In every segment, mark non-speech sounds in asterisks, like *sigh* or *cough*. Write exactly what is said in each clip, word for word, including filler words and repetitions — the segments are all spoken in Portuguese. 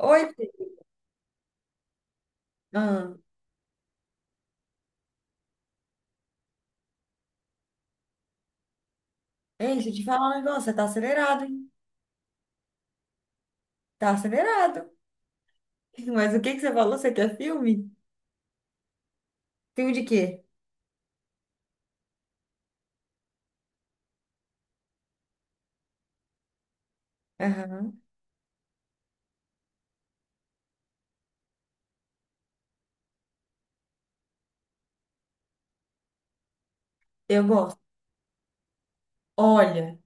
Oi, Fê. ah, Ei, deixa eu te falar um negócio, você tá acelerado, hein? Tá acelerado. *laughs* Mas o que que você falou? Você quer filme? Filme de quê? Aham. Eu gosto. Olha,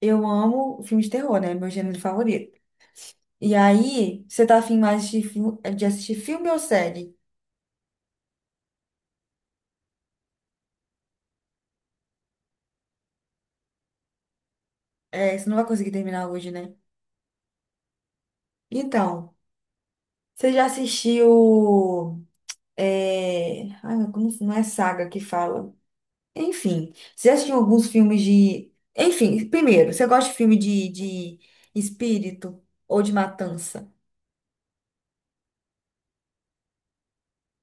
eu amo filme de terror, né? Meu gênero favorito. E aí, você tá afim mais de, fi- de assistir filme ou série? É, você não vai conseguir terminar hoje, né? Então, você já assistiu... É... Ai, como não é saga que fala? Enfim, você assistiu alguns filmes de. Enfim, primeiro, você gosta de filme de, de espírito ou de matança?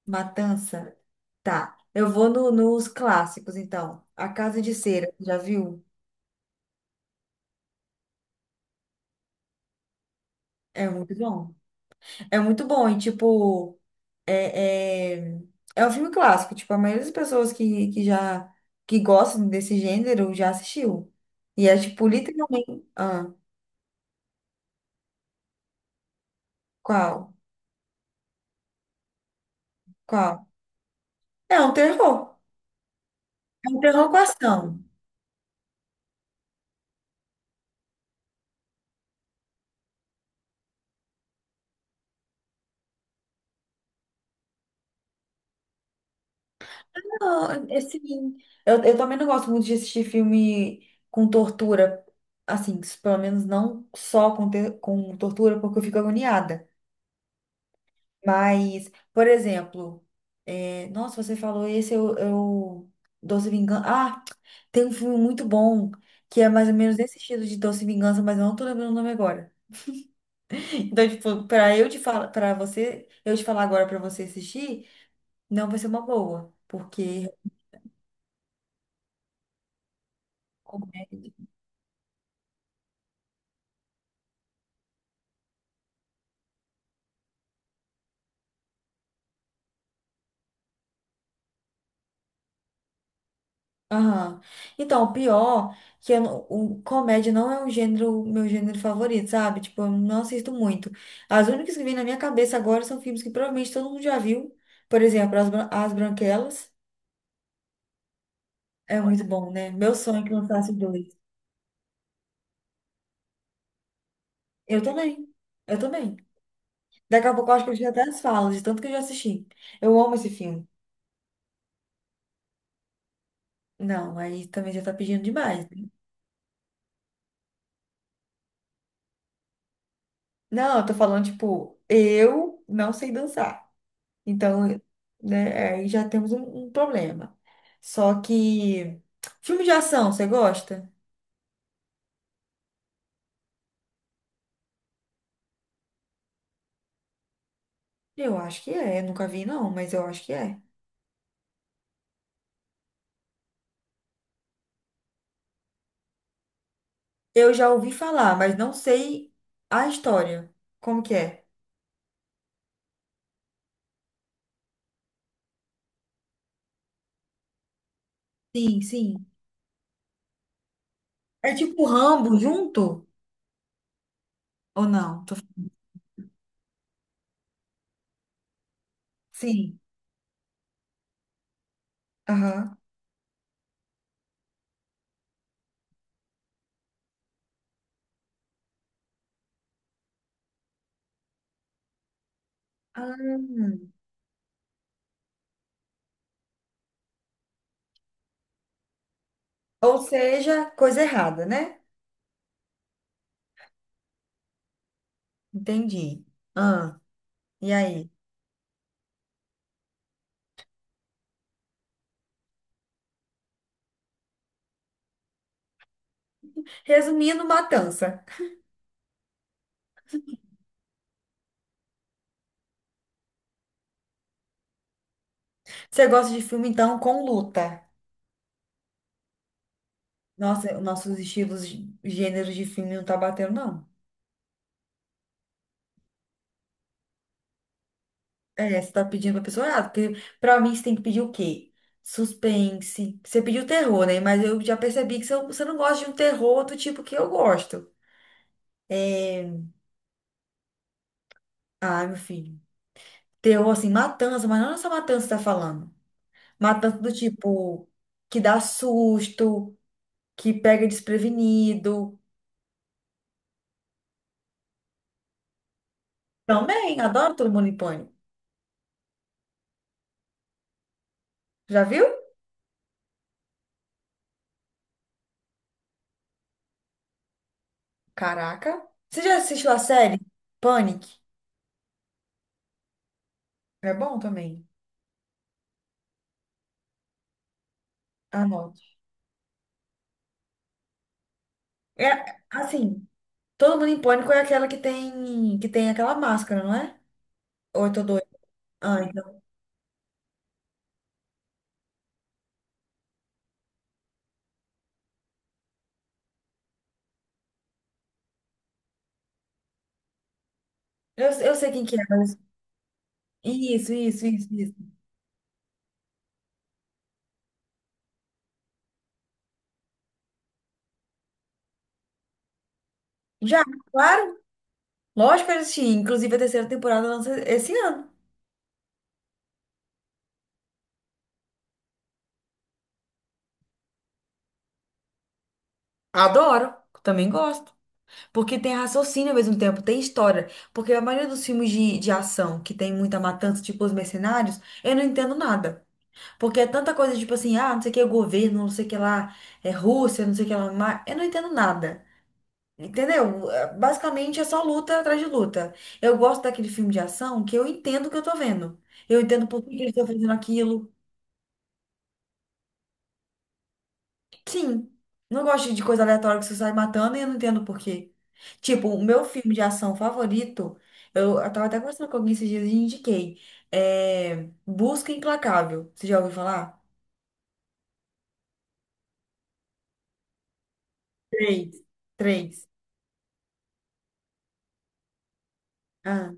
Matança? Tá. Eu vou no- nos clássicos, então. A Casa de Cera, já viu? É muito bom. É muito bom, e tipo, é, é, é um filme clássico. Tipo, a maioria das pessoas que, que já que gostam desse gênero já assistiu. E é tipo, literalmente. Ah, qual? Qual? É um terror. É um terror com ação. Não, é assim, eu, eu também não gosto muito de assistir filme com tortura, assim, pelo menos não só com, te- com tortura, porque eu fico agoniada. Mas, por exemplo, é, nossa, você falou esse, eu, eu Doce Vingança. Ah, tem um filme muito bom que é mais ou menos desse estilo de Doce Vingança, mas eu não tô lembrando o nome agora. *laughs* Então, tipo, pra eu te falar, pra você, eu te falar agora pra você assistir, não vai ser uma boa, porque Aham. Então, o pior que eu, não- o comédia não é um gênero, meu gênero favorito, sabe? Tipo, eu não assisto muito. As únicas que vêm na minha cabeça agora são filmes que provavelmente todo mundo já viu. Por exemplo, As, Bran- As Branquelas. É muito bom, né? Meu sonho é que lançasse o dois. Eu também. Eu também. Daqui a pouco eu acho que eu já até as falo, de tanto que eu já assisti. Eu amo esse filme. Não, aí também já tá pedindo demais, né? Não, eu tô falando, tipo, eu não sei dançar. Então, né, aí já temos um, um problema. Só que filme de ação, você gosta? Eu acho que é, nunca vi não, mas eu acho que é. Eu já ouvi falar, mas não sei a história. Como que é? Sim, sim. É tipo Rambo junto ou não? Tô- Sim. Aham. Ah. Ou seja, coisa errada, né? Entendi. Ah, e aí? Resumindo, matança. Você gosta de filme então com luta? Nossa, nossos estilos, de- gêneros de filme não tá batendo, não. É, você tá pedindo pra pessoa errada, porque pra mim você tem que pedir o quê? Suspense. Você pediu terror, né? Mas eu já percebi que você você não gosta de um terror do tipo que eu gosto. Ai, meu filho. Terror, assim, matança, mas não essa matança que você tá falando. Matança do tipo que dá susto, que pega desprevenido. Também, adoro Todo Mundo em Pânico. Já viu? Caraca. Você já assistiu a série Panic? É bom também. Ah, não. É, assim, todo mundo em pânico é aquela que tem, que tem aquela máscara, não é? Ou eu tô doida? Ah, então. Eu, eu sei quem que é, mas... Isso, isso, isso, isso. Já, claro. Lógico que eu assisti. Inclusive, a terceira temporada lança esse ano. Adoro. Também gosto. Porque tem raciocínio ao mesmo tempo, tem história. Porque a maioria dos filmes de, de ação, que tem muita matança, tipo Os Mercenários, eu não entendo nada. Porque é tanta coisa, tipo assim, ah, não sei o que é o governo, não sei o que lá, é Rússia, não sei o que lá, ma- eu não entendo nada. Entendeu? É, basicamente é só luta atrás de luta. Eu gosto daquele filme de ação que eu entendo o que eu tô vendo. Eu entendo por que que eles estão fazendo aquilo. Sim. Não gosto de coisa aleatória que você sai matando e eu não entendo por quê. Tipo, o meu filme de ação favorito, eu, eu tava até conversando com alguém esses dias e indiquei. É Busca Implacável. Você já ouviu falar? Três. Três. Ah,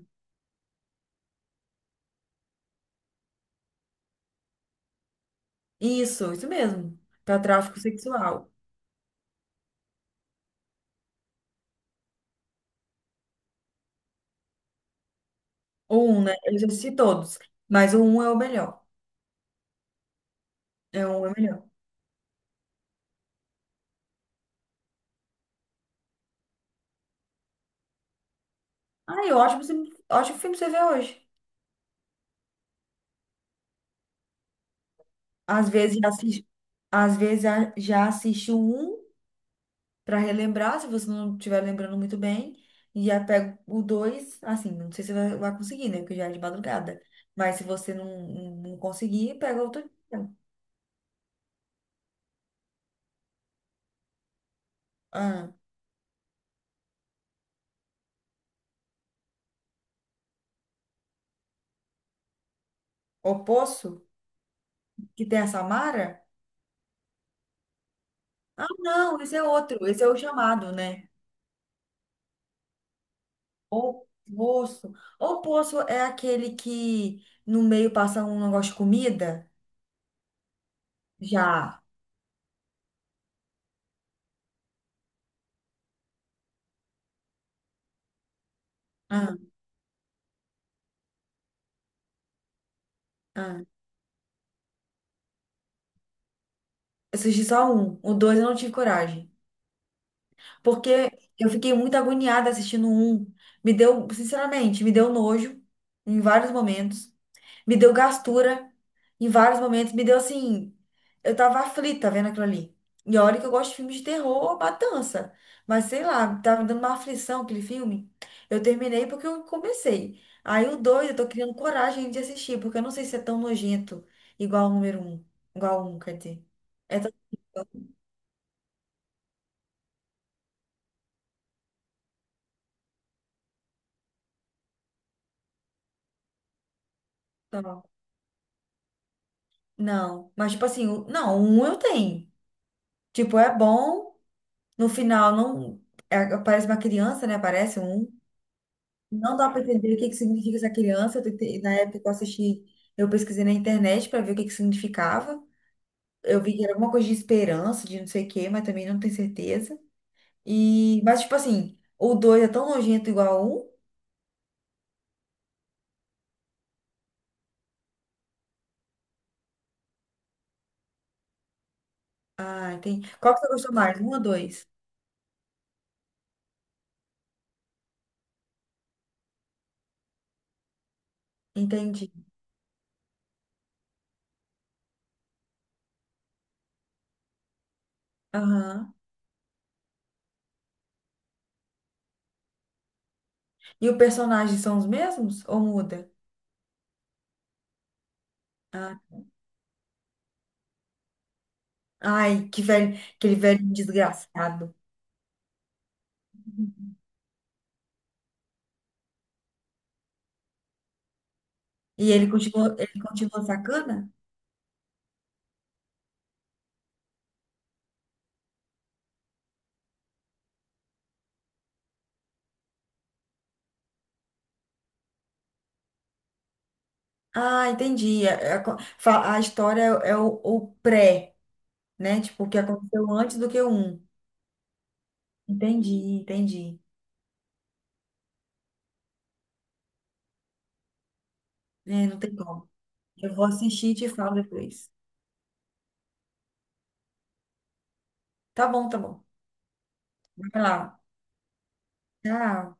isso, isso mesmo. Pra tráfico sexual. O um, né? Eu já assisti todos, mas o um é o melhor. É, o um é o melhor. Ai, ótimo, filme- ótimo filme você vê hoje. Às vezes já assisto, às vezes a- já assisto um para relembrar, se você não estiver lembrando muito bem, e já pego o dois, assim, não sei se vai, vai conseguir, né? Porque já é de madrugada. Mas se você não, não, não conseguir, pega outro dia. Ah, O Poço, que tem a Samara? Ah, não, esse é outro, esse é o chamado, né? O Poço. O Poço é aquele que no meio passa um negócio de comida? Já. Ah. Ah. Assisti só um. O dois eu não tive coragem. Porque eu fiquei muito agoniada assistindo o um. Me deu, sinceramente, me deu nojo em vários momentos. Me deu gastura em vários momentos. Me deu assim. Eu tava aflita vendo aquilo ali. E olha que eu gosto de filmes de terror, matança. Mas sei lá, tava me dando uma aflição aquele filme. Eu terminei porque eu comecei. Aí o dois eu tô criando coragem de assistir, porque eu não sei se é tão nojento igual o número um. Igual o um, quer dizer. É tão. Não, mas tipo assim, o- não, um eu tenho. Tipo, é bom, no final não. É- parece uma criança, né? Parece um. Não dá para entender o que que significa essa criança. Eu tentei- na época que eu assisti, eu pesquisei na internet para ver o que que significava. Eu vi que era alguma coisa de esperança, de não sei o quê, mas também não tenho certeza. E, mas tipo assim, o dois é tão nojento igual a um. Ah, tem. Qual que você gostou mais? Um ou dois? Entendi. Aham. E os personagens são os mesmos ou muda? Ai, que velho, aquele velho desgraçado. E ele continuou, ele continuou sacana? Ah, entendi. A, a co- fa- a história é é o, o pré, né? Tipo, o que aconteceu antes do que o um. Entendi, entendi. É, não tem como. Eu vou assistir e te falo depois. Tá bom, tá bom. Vai lá. Tchau.